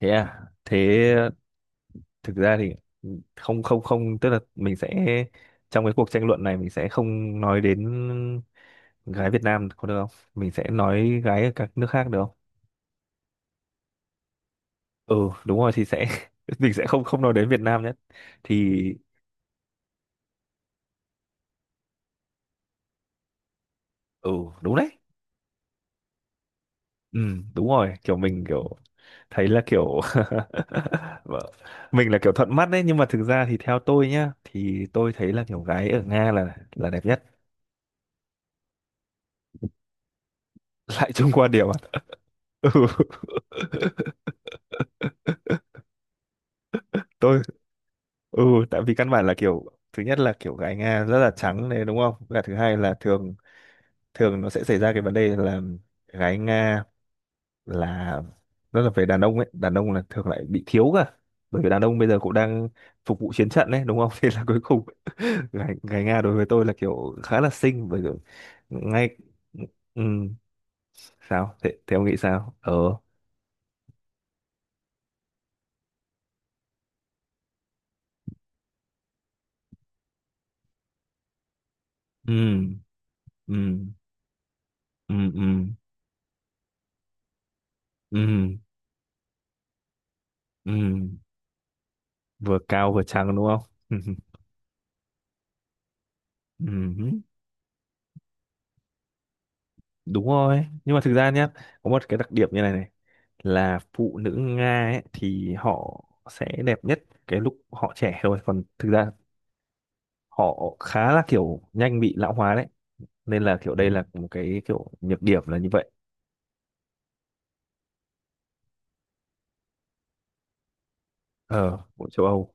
Thế à? Thế thực ra thì, không, không, không, tức là mình sẽ trong cái cuộc tranh luận này mình sẽ không nói đến gái Việt Nam có được không? Mình sẽ nói gái ở các nước khác được không? Ừ, đúng rồi thì sẽ. Mình sẽ không không nói đến Việt Nam nhất thì. Ừ, đúng đấy. Ừ, đúng rồi, kiểu mình kiểu thấy là kiểu. Vâng. Mình là kiểu thuận mắt đấy, nhưng mà thực ra thì theo tôi nhá, thì tôi thấy là kiểu gái ở Nga là đẹp nhất. Lại chung qua điểm à? Ừ, tôi, ừ, tại vì căn bản là kiểu thứ nhất là kiểu gái Nga rất là trắng đấy đúng không, và thứ hai là thường thường nó sẽ xảy ra cái vấn đề là gái Nga là rất là về đàn ông ấy, đàn ông là thường lại bị thiếu cả, bởi vì đàn ông bây giờ cũng đang phục vụ chiến trận đấy đúng không. Thế là cuối cùng gái Nga đối với tôi là kiểu khá là xinh, bởi vì ngay. Ừ, sao thế, thế ông nghĩ sao? Ờ ừ, ừ, ừ, ừ, ừ, ừ. Vừa cao vừa trắng đúng không? Ừ, đúng rồi, nhưng mà thực ra nhé, có một cái đặc điểm như này này, là phụ nữ Nga ấy, thì họ sẽ đẹp nhất cái lúc họ trẻ thôi, còn thực ra họ khá là kiểu nhanh bị lão hóa đấy, nên là kiểu đây là một cái kiểu nhược điểm là như vậy. Ờ của châu Âu.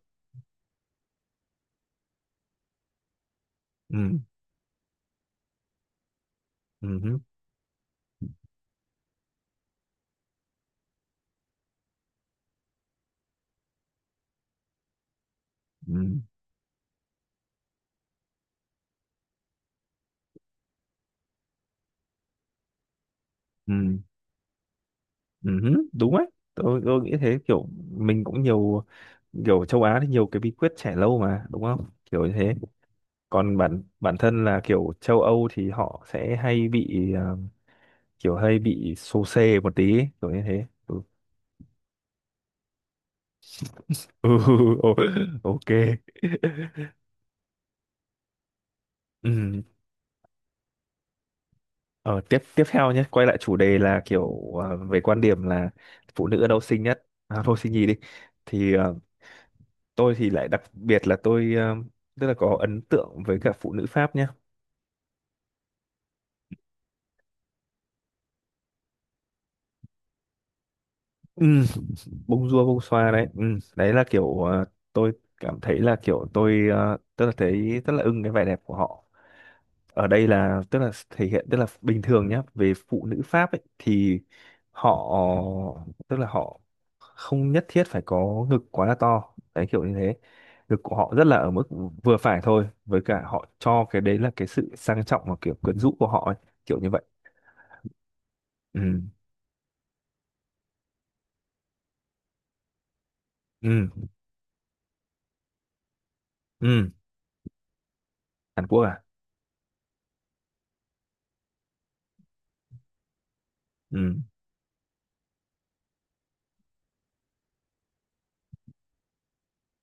Ừ, ừ, ừ, ừ, ừ, ừ, ừ, đúng đấy. Tôi nghĩ thế, kiểu mình cũng nhiều kiểu châu Á thì nhiều cái bí quyết trẻ lâu mà, đúng không, kiểu như thế. Còn bản bản thân là kiểu châu Âu thì họ sẽ hay bị, kiểu hay bị xô xê một tí ấy, kiểu như thế. Ừ. Ừ, ô- ok. Ừ. Ờ, tiếp tiếp theo nhé, quay lại chủ đề là kiểu, về quan điểm là phụ nữ ở đâu xinh nhất, thôi xinh nhì đi thì, tôi thì lại đặc biệt là tôi, tức là có ấn tượng với cả phụ nữ Pháp nhé. Bông dua bông xoa đấy. Ừ. Đấy là kiểu, tôi cảm thấy là kiểu tôi, tức là thấy rất là ưng cái vẻ đẹp của họ, ở đây là tức là thể hiện, tức là bình thường nhá, về phụ nữ Pháp ấy thì họ, tức là họ không nhất thiết phải có ngực quá là to đấy, kiểu như thế. Ngực của họ rất là ở mức vừa phải thôi, với cả họ cho cái đấy là cái sự sang trọng và kiểu quyến rũ của họ ấy. Kiểu như vậy. Ừ, ừ, ừ. Hàn Quốc à? Ừ,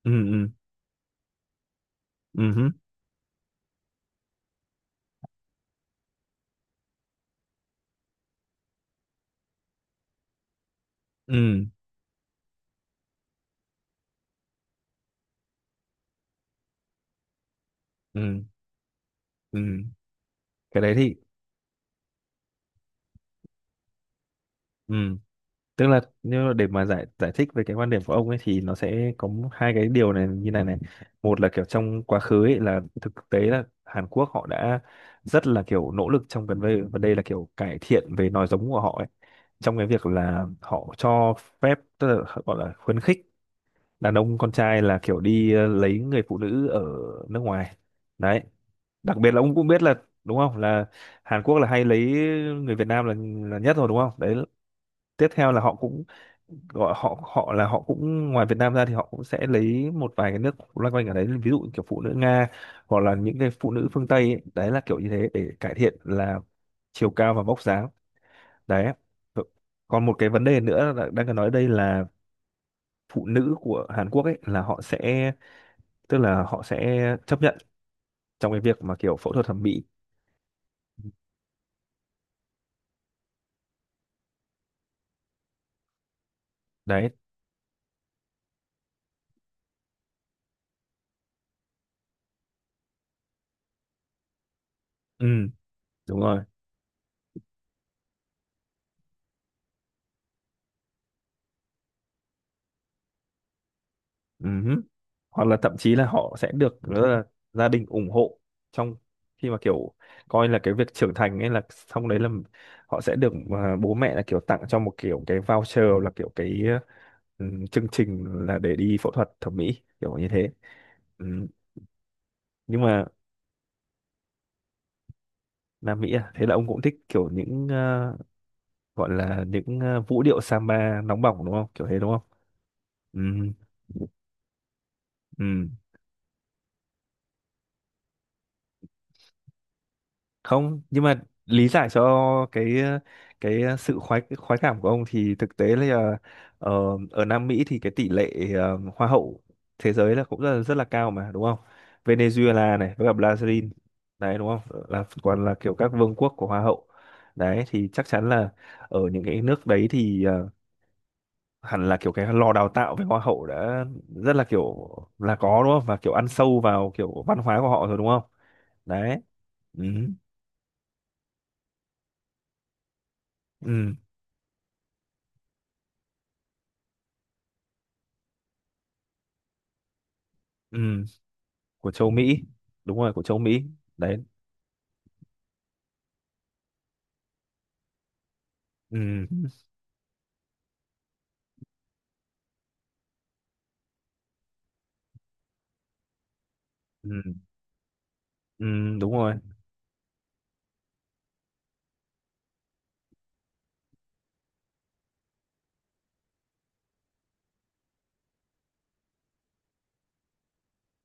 ừ, ừ, ừ, ừ, ừ. Ừ, ừ. Cái đấy thì. Ừ, tức là nếu mà để mà giải giải thích về cái quan điểm của ông ấy thì nó sẽ có, hai cái điều này như này này. Một là kiểu trong quá khứ ấy là thực tế là Hàn Quốc họ đã rất là kiểu nỗ lực trong gần đây, và đây là kiểu cải thiện về nòi giống của họ ấy, trong cái việc là họ cho phép, tức là họ gọi là khuyến khích đàn ông con trai là kiểu đi, lấy người phụ nữ ở nước ngoài đấy. Đặc biệt là ông cũng biết là đúng không, là Hàn Quốc là hay lấy người Việt Nam là nhất rồi đúng không đấy. Tiếp theo là họ cũng gọi họ, là họ cũng ngoài Việt Nam ra thì họ cũng sẽ lấy một vài cái nước loanh quanh ở đấy, ví dụ kiểu phụ nữ Nga hoặc là những cái phụ nữ phương Tây ấy. Đấy là kiểu như thế để cải thiện là chiều cao và vóc dáng đấy. Ừ. Còn một cái vấn đề nữa là đang cần nói đây là phụ nữ của Hàn Quốc ấy, là họ sẽ, tức là họ sẽ chấp nhận trong cái việc mà kiểu phẫu thuật thẩm mỹ đấy. Ừ, đúng rồi. Ừm, Hoặc là thậm chí là họ sẽ được rất là gia đình ủng hộ trong khi mà kiểu coi là cái việc trưởng thành ấy là xong đấy, là họ sẽ được, bố mẹ là kiểu tặng cho một kiểu cái voucher, là kiểu cái, chương trình là để đi phẫu thuật thẩm mỹ, kiểu như thế. Ừm. Nhưng mà Nam Mỹ à, thế là ông cũng thích kiểu những, gọi là những, vũ điệu samba nóng bỏng đúng không? Kiểu thế đúng không? Ừ. Không, nhưng mà lý giải cho cái sự khoái khoái cảm của ông, thì thực tế là, ờ, ở Nam Mỹ thì cái tỷ lệ, hoa hậu thế giới là cũng rất là cao mà đúng không. Venezuela này với cả Brazil, đấy đúng không, là còn là kiểu các vương quốc của hoa hậu đấy, thì chắc chắn là ở những cái nước đấy thì, hẳn là kiểu cái lò đào tạo về hoa hậu đã rất là kiểu là có đúng không, và kiểu ăn sâu vào kiểu văn hóa của họ rồi đúng không đấy. Ừ, ừ, ừ. Của châu Mỹ. Đúng rồi, của châu Mỹ đấy. Ừ, ừ, ừ, đúng rồi.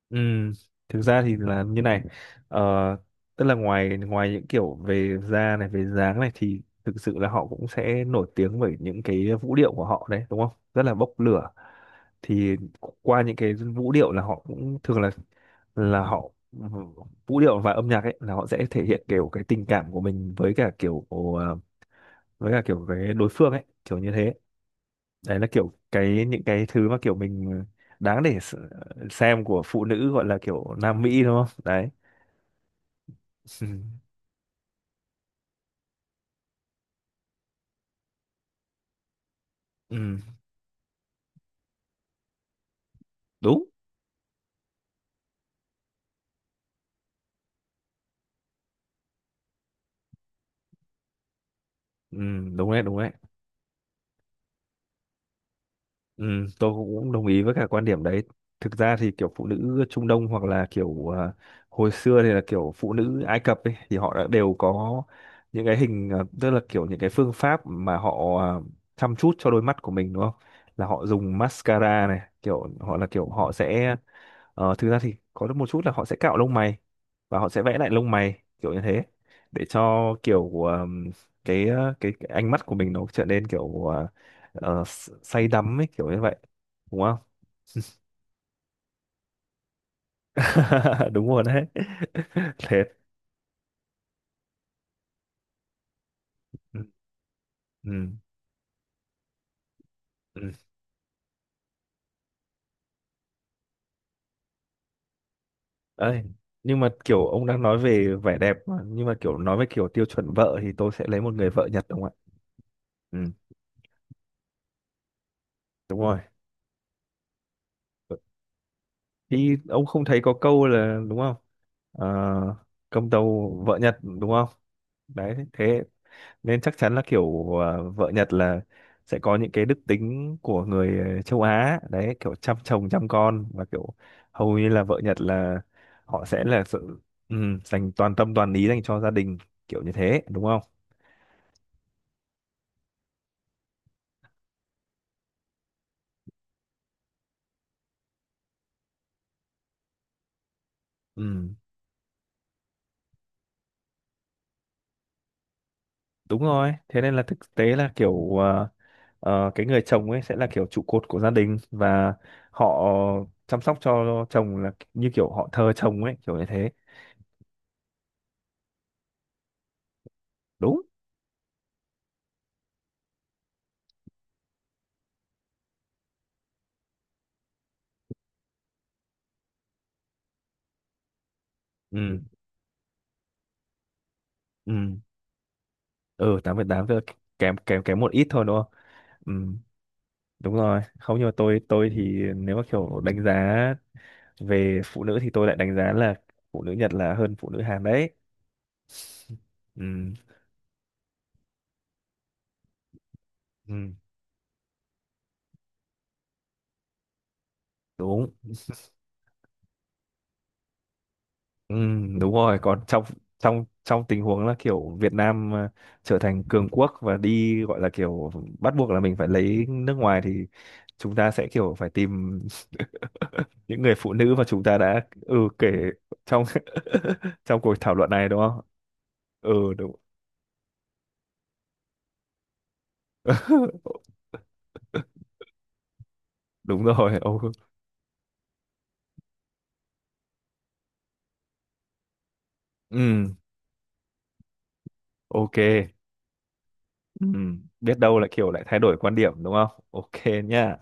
Ừ. Thực ra thì là như này, ờ, tức là ngoài ngoài những kiểu về da này, về dáng này, thì thực sự là họ cũng sẽ nổi tiếng bởi những cái vũ điệu của họ đấy, đúng không, rất là bốc lửa. Thì qua những cái vũ điệu là họ cũng thường là họ, vũ điệu và âm nhạc ấy là họ sẽ thể hiện kiểu cái tình cảm của mình với cả kiểu, với cả kiểu cái đối phương ấy, kiểu như thế. Đấy là kiểu cái những cái thứ mà kiểu mình đáng để xem của phụ nữ gọi là kiểu Nam Mỹ đúng không đấy. Ừ, ừ, đúng. Ừ, đúng đấy, đúng đấy. Ừ, tôi cũng đồng ý với cả quan điểm đấy. Thực ra thì kiểu phụ nữ Trung Đông, hoặc là kiểu, hồi xưa thì là kiểu phụ nữ Ai Cập ấy, thì họ đã đều có những cái hình, tức là kiểu những cái phương pháp mà họ, chăm chút cho đôi mắt của mình đúng không, là họ dùng mascara này, kiểu họ là kiểu họ sẽ. Ờ, thực ra thì có được một chút là họ sẽ cạo lông mày và họ sẽ vẽ lại lông mày kiểu như thế, để cho kiểu, cái, cái ánh mắt của mình nó trở nên kiểu, say đắm ấy, kiểu như vậy đúng không? Đúng rồi đấy. Thế. Ừ. Ừ. Ừ. Ấy, nhưng mà kiểu ông đang nói về vẻ đẹp mà. Nhưng mà kiểu nói về kiểu tiêu chuẩn vợ thì tôi sẽ lấy một người vợ Nhật đúng không ạ? Ừ, đúng rồi. Thì ông không thấy có câu là đúng không? Ờ, công tâu vợ Nhật đúng không? Đấy, thế nên chắc chắn là kiểu, vợ Nhật là sẽ có những cái đức tính của người, châu Á đấy, kiểu chăm chồng chăm con và kiểu hầu như là vợ Nhật là họ sẽ là sự, ừ, dành toàn tâm toàn ý dành cho gia đình, kiểu như thế đúng không? Ừ, đúng rồi. Thế nên là thực tế là kiểu, cái người chồng ấy sẽ là kiểu trụ cột của gia đình, và họ chăm sóc cho chồng là như kiểu họ thờ chồng ấy, kiểu như thế. Đúng. Ừ, ừ, ừ. 8,8 giờ kém kém kém một ít thôi đúng không? Ừ, đúng rồi. Không, nhưng mà tôi thì nếu mà kiểu đánh giá về phụ nữ thì tôi lại đánh giá là phụ nữ Nhật là hơn phụ nữ Hàn đấy. Ừ, ừ, đúng. Ừ, đúng rồi, còn trong trong trong tình huống là kiểu Việt Nam, trở thành cường quốc và đi gọi là kiểu bắt buộc là mình phải lấy nước ngoài, thì chúng ta sẽ kiểu phải tìm những người phụ nữ mà chúng ta đã, ừ, kể trong trong cuộc thảo luận này đúng không. Ừ, đúng. Đúng rồi. Ô, ừ, ok. Ừ. Biết đâu lại kiểu lại thay đổi quan điểm đúng không, ok, nhá.